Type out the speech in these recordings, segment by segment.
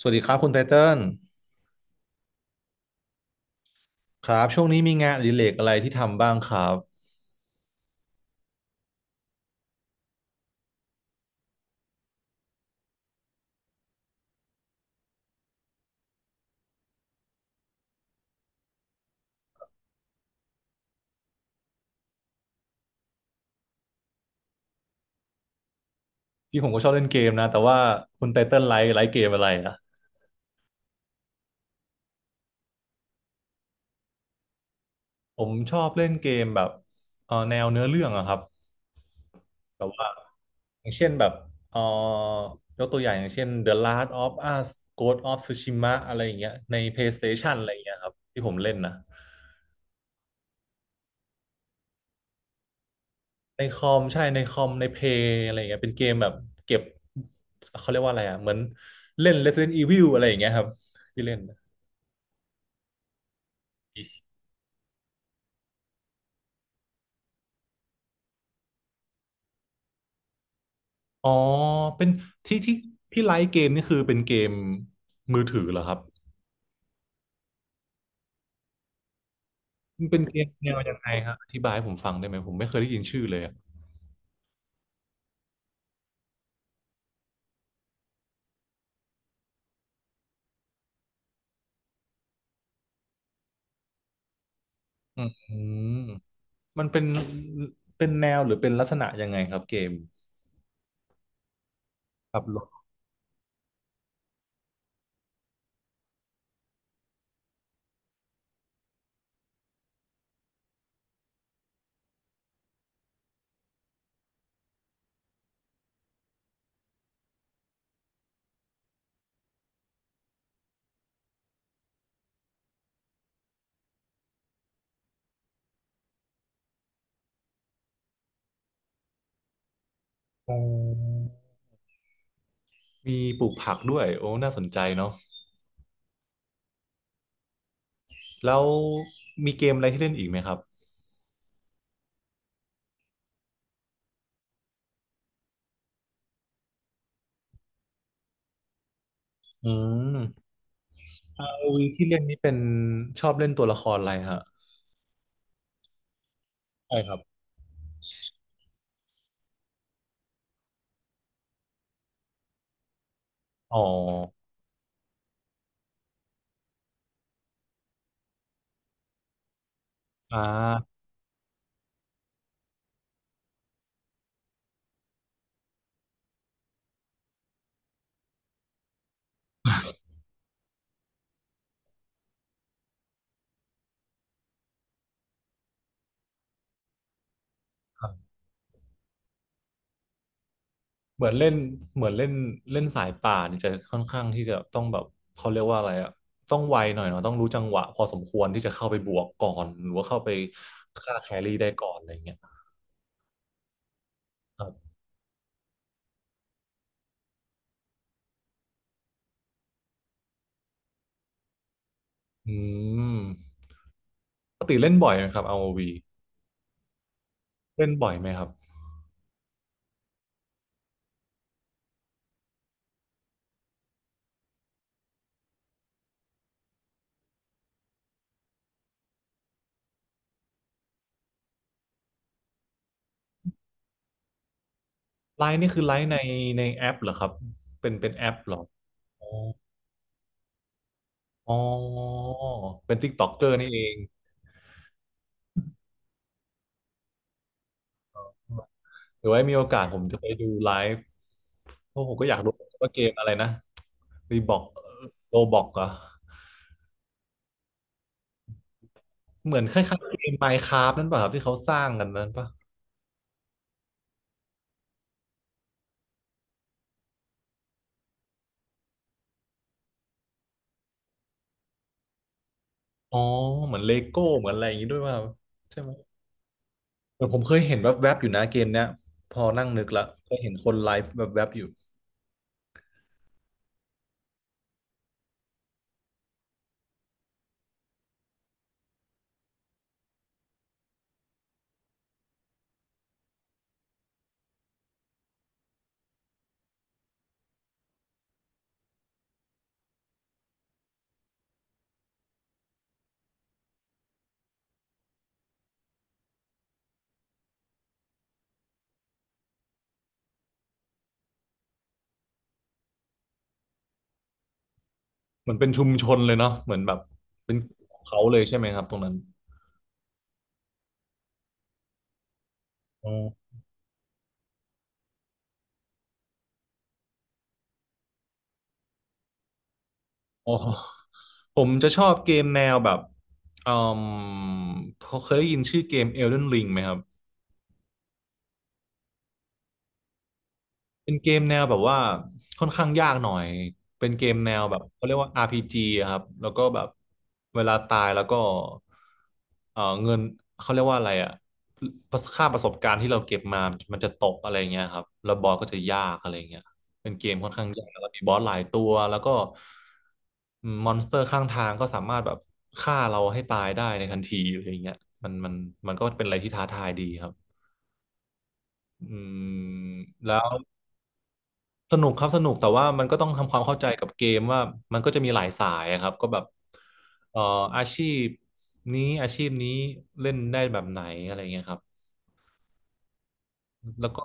สวัสดีครับคุณไทเติ้ลครับช่วงนี้มีงานอดิเรกอะไรที่ทำบ้างครับที่ผมก็ชอบเล่นเกมนะแต่ว่าคุณไทเติ้ลไลค์เกมอะไรนะผมชอบเล่นเกมแบบแนวเนื้อเรื่องอะครับแบบว่าอย่างเช่นแบบเอ่อยกตัวอย่างอย่างเช่น The Last of Us Ghost of Tsushima อะไรอย่างเงี้ยใน PlayStation อะไรอย่างเงี้ยครับที่ผมเล่นนะในคอมใช่ในคอมในเพย์อะไรอย่างเงี้ยเป็นเกมแบบเก็บเขาเรียกว่าอะไรอะเหมือนเล่น Resident Evil อะไรอย่างเงี้ยครับที่เล่นนะ อ๋อ เป็นที่ที่ไลฟ์เกมนี่คือเป็นเกมมือถือเหรอครับมันเป็นเกมแนวยังไงฮะอธิบายให้ผมฟังได้ไหมผมไม่เคยได้ยินชื่อเลยอะอืมมันเป็นแนวหรือเป็นลักษณะยังไงครับเกมขับรถอ๋อมีปลูกผักด้วย โอ้น่าสนใจเนาะแล้วมีเกมอะไรที่เล่นอีกไหมครับอืมอ o v ที่เล่นนี้เป็นชอบเล่นตัวละครอะไรฮะใช่ครับอ๋ออ่า เหมือนเล่นเหมือนเล่นเล่นสายป่าเนี่ยจะค่อนข้างที่จะต้องแบบเขาเรียกว่าอะไรอะต้องไวหน่อยเนาะต้องรู้จังหวะพอสมควรที่จะเข้าไปบวกก่อนหรือว่าเข้าไปฆ่าแครี่ได้ก่อนอะไรอย่างเงี้ยครับอืมปกติเล่นบ่อยไหมครับ r o ีเล่นบ่อยไหมครับไลน์นี่คือไลน์ในแอปเหรอครับเป็นแอปเหรออ๋ออ๋อเป็นติ๊กต็อกเกอร์นี่เอง หรือว่ามีโอกาสผมจะไปดูไลฟ์เพราะผมก็อยากรู้ว่าเกมอะไรนะรีบอกโรบอกเหรอเหมือนคล้ายๆเกม Minecraft นั่นป่ะครับที่เขาสร้างกันนั้นป่ะอ๋อเหมือนเลโก้เหมือนอะไรอย่างนี้ด้วยป่ะครับใช่ไหมเหมือนผมเคยเห็นแวบๆอยู่นะเกมเนี้ยพอนั่งนึกละเคยเห็นคนไลฟ์แวบๆอยู่เหมือนเป็นชุมชนเลยเนาะเหมือนแบบเป็นของเขาเลยใช่ไหมครับตรงนั้นอ๋ออ๋อผมจะชอบเกมแนวแบบอืมเคยได้ยินชื่อเกม Elden Ring ไหมครับ เป็นเกมแนวแบบว่าค่อนข้างยากหน่อย เป็นเกมแนวแบบเขาเรียกว่า RPG อะครับแล้วก็แบบเวลาตายแล้วก็เออเงินเขาเรียกว่าอะไรอะภาษามันจะตกอะไรเงี้ยครับแล้วบอสก็จะยากอะไรเงี้ยเป็นเกมค่อนข้างยากแล้วก็มีบอสหลายตัวแล้วก็มอนสเตอร์ข้างทางก็สามารถแบบฆ่าเราให้ตายได้ในทันทีอะไรเงี้ยมันมันมันก็เป็นอะไรที่ท้าทายดีครับอืมแล้ว สนุกครับสนุกแต่ว่ามันก็ต้องทำความเข้าใจกับเกมว่ามันก็จะมีหลายสายอะครับก็แบบเอ่ออาชีพนี้อาชีพนี้เล่นได้แบบไหนอะไรเงี้ยครับแล้วก็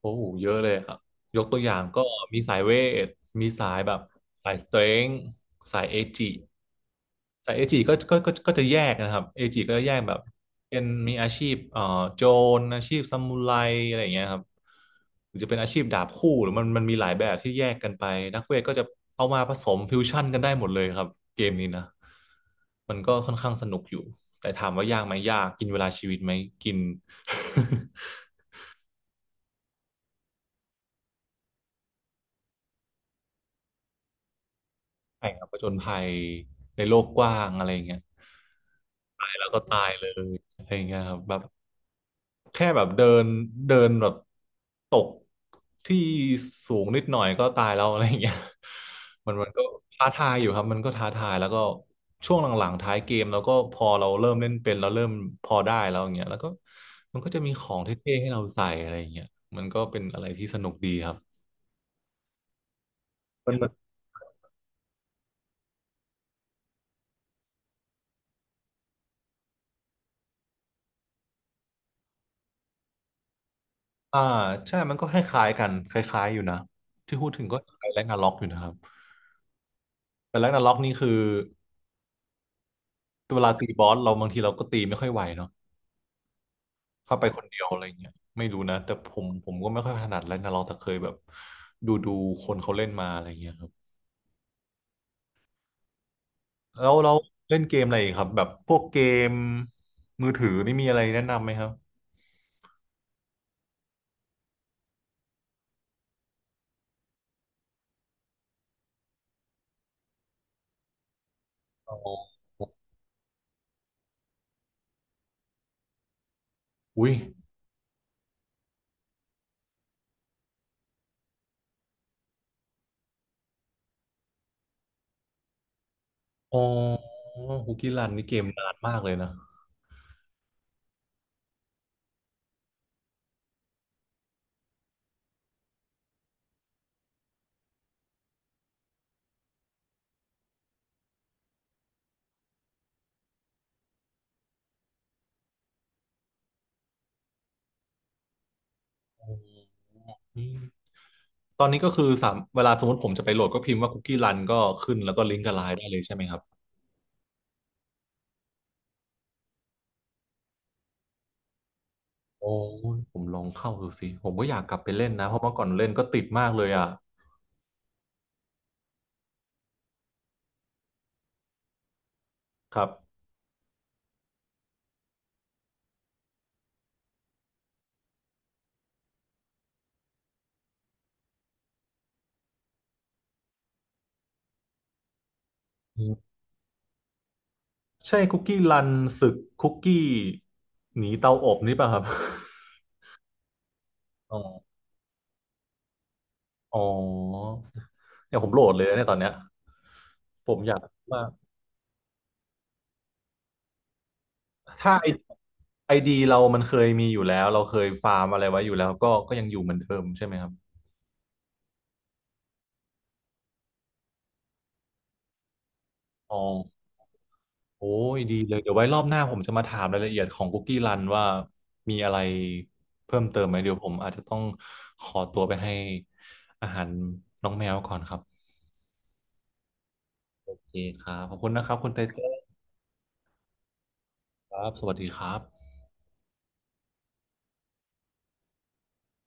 โอ้โหเยอะเลยครับยกตัวอย่างก็มีสายเวทมีสายแบบสายสเตรนท์สายเอจิสายเอจิก็จะแยกนะครับเอจิก็จะแยกแบบเป็นมีอาชีพโจรอาชีพซามูไรอะไรอย่างเงี้ยครับหรือจะเป็นอาชีพดาบคู่หรือมันมีหลายแบบที่แยกกันไปนักเวทก็จะเอามาผสมฟิวชั่นกันได้หมดเลยครับเกมนี้นะมันก็ค่อนข้างสนุกอยู่แต่ถามว่ายากไหมยากกินเวลาชีวิตไหมกิน ใช่ครับผจญภัยในโลกกว้างอะไรอย่างเงี้ยตายแล้วก็ตายเลยอะไรอย่างเงี้ยครับแบบแค่แบบเดินเดินแบบตกที่สูงนิดหน่อยก็ตายแล้วอะไรอย่างเงี้ย มันก็ท้าทายอยู่ครับมันก็ท้าทายแล้วก็ช่วงหลังๆท้ายเกมแล้วก็พอเราเริ่มเล่นเป็นเราเริ่มพอได้แล้วอย่างเงี้ยแล้วก็มันก็จะมีของเท่ๆให้เราใส่อะไรอย่างเงี้ยมันก็เป็นอะไรที่สนุกดีครับ อ่าใช่มันก็คล้ายๆกันคล้ายๆอยู่นะที่พูดถึงก็คล้ายแร็กนาร็อกอยู่นะครับแต่แร็กนาร็อกนี่คือเวลาตีบอสเราบางทีเราก็ตีไม่ค่อยไหวเนาะถ้าไปคนเดียวอะไรเงี้ยไม่รู้นะแต่ผมก็ไม่ค่อยถนัดแร็กนาร็อกแต่เคยแบบดูคนเขาเล่นมาอะไรเงี้ยครับแล้วเราเล่นเกมอะไรอีกครับแบบพวกเกมมือถือนี่มีอะไรแนะนำไหมครับอ๋ออุ้ยอ๋อฮุกกี้รันนี่เกมนานมากเลยนะอืม ตอนนี้ก็คือสามเวลาสมมติผมจะไปโหลดก็พิมพ์ว่าคุกกี้รันก็ขึ้นแล้วก็ลิงก์กับไลน์ได้เลยใช่ไหมครับโอ้ยผมลองเข้าดูสิผมก็อยากกลับไปเล่นนะเพราะเมื่อก่อนเล่นก็ติดมากเลยอ่ะครับอืมใช่คุกกี้รันศึกคุกกี้หนีเตาอบนี่ป่ะครับอ๋ออ๋อเนี่ยผมโหลดเลยนะเนี่ยตอนเนี้ยผมอยากว่ากถ้าไอไอดีเรามันเคยมีอยู่แล้วเราเคยฟาร์มอะไรไว้อยู่แล้วก็ก็ยังอยู่เหมือนเดิมใช่ไหมครับอ๋อ โอ้ยดีเลยเดี๋ยวไว้รอบหน้าผมจะมาถามรายละเอียดของคุกกี้รันว่ามีอะไรเพิ่มเติมไหมเดี๋ยวผมอาจจะต้องขอตัวไปให้อาหารน้องแมวก่อนครับโอเคครับขอบคุณนะครับคุณไตเติ้ลครับสวัสดีครับ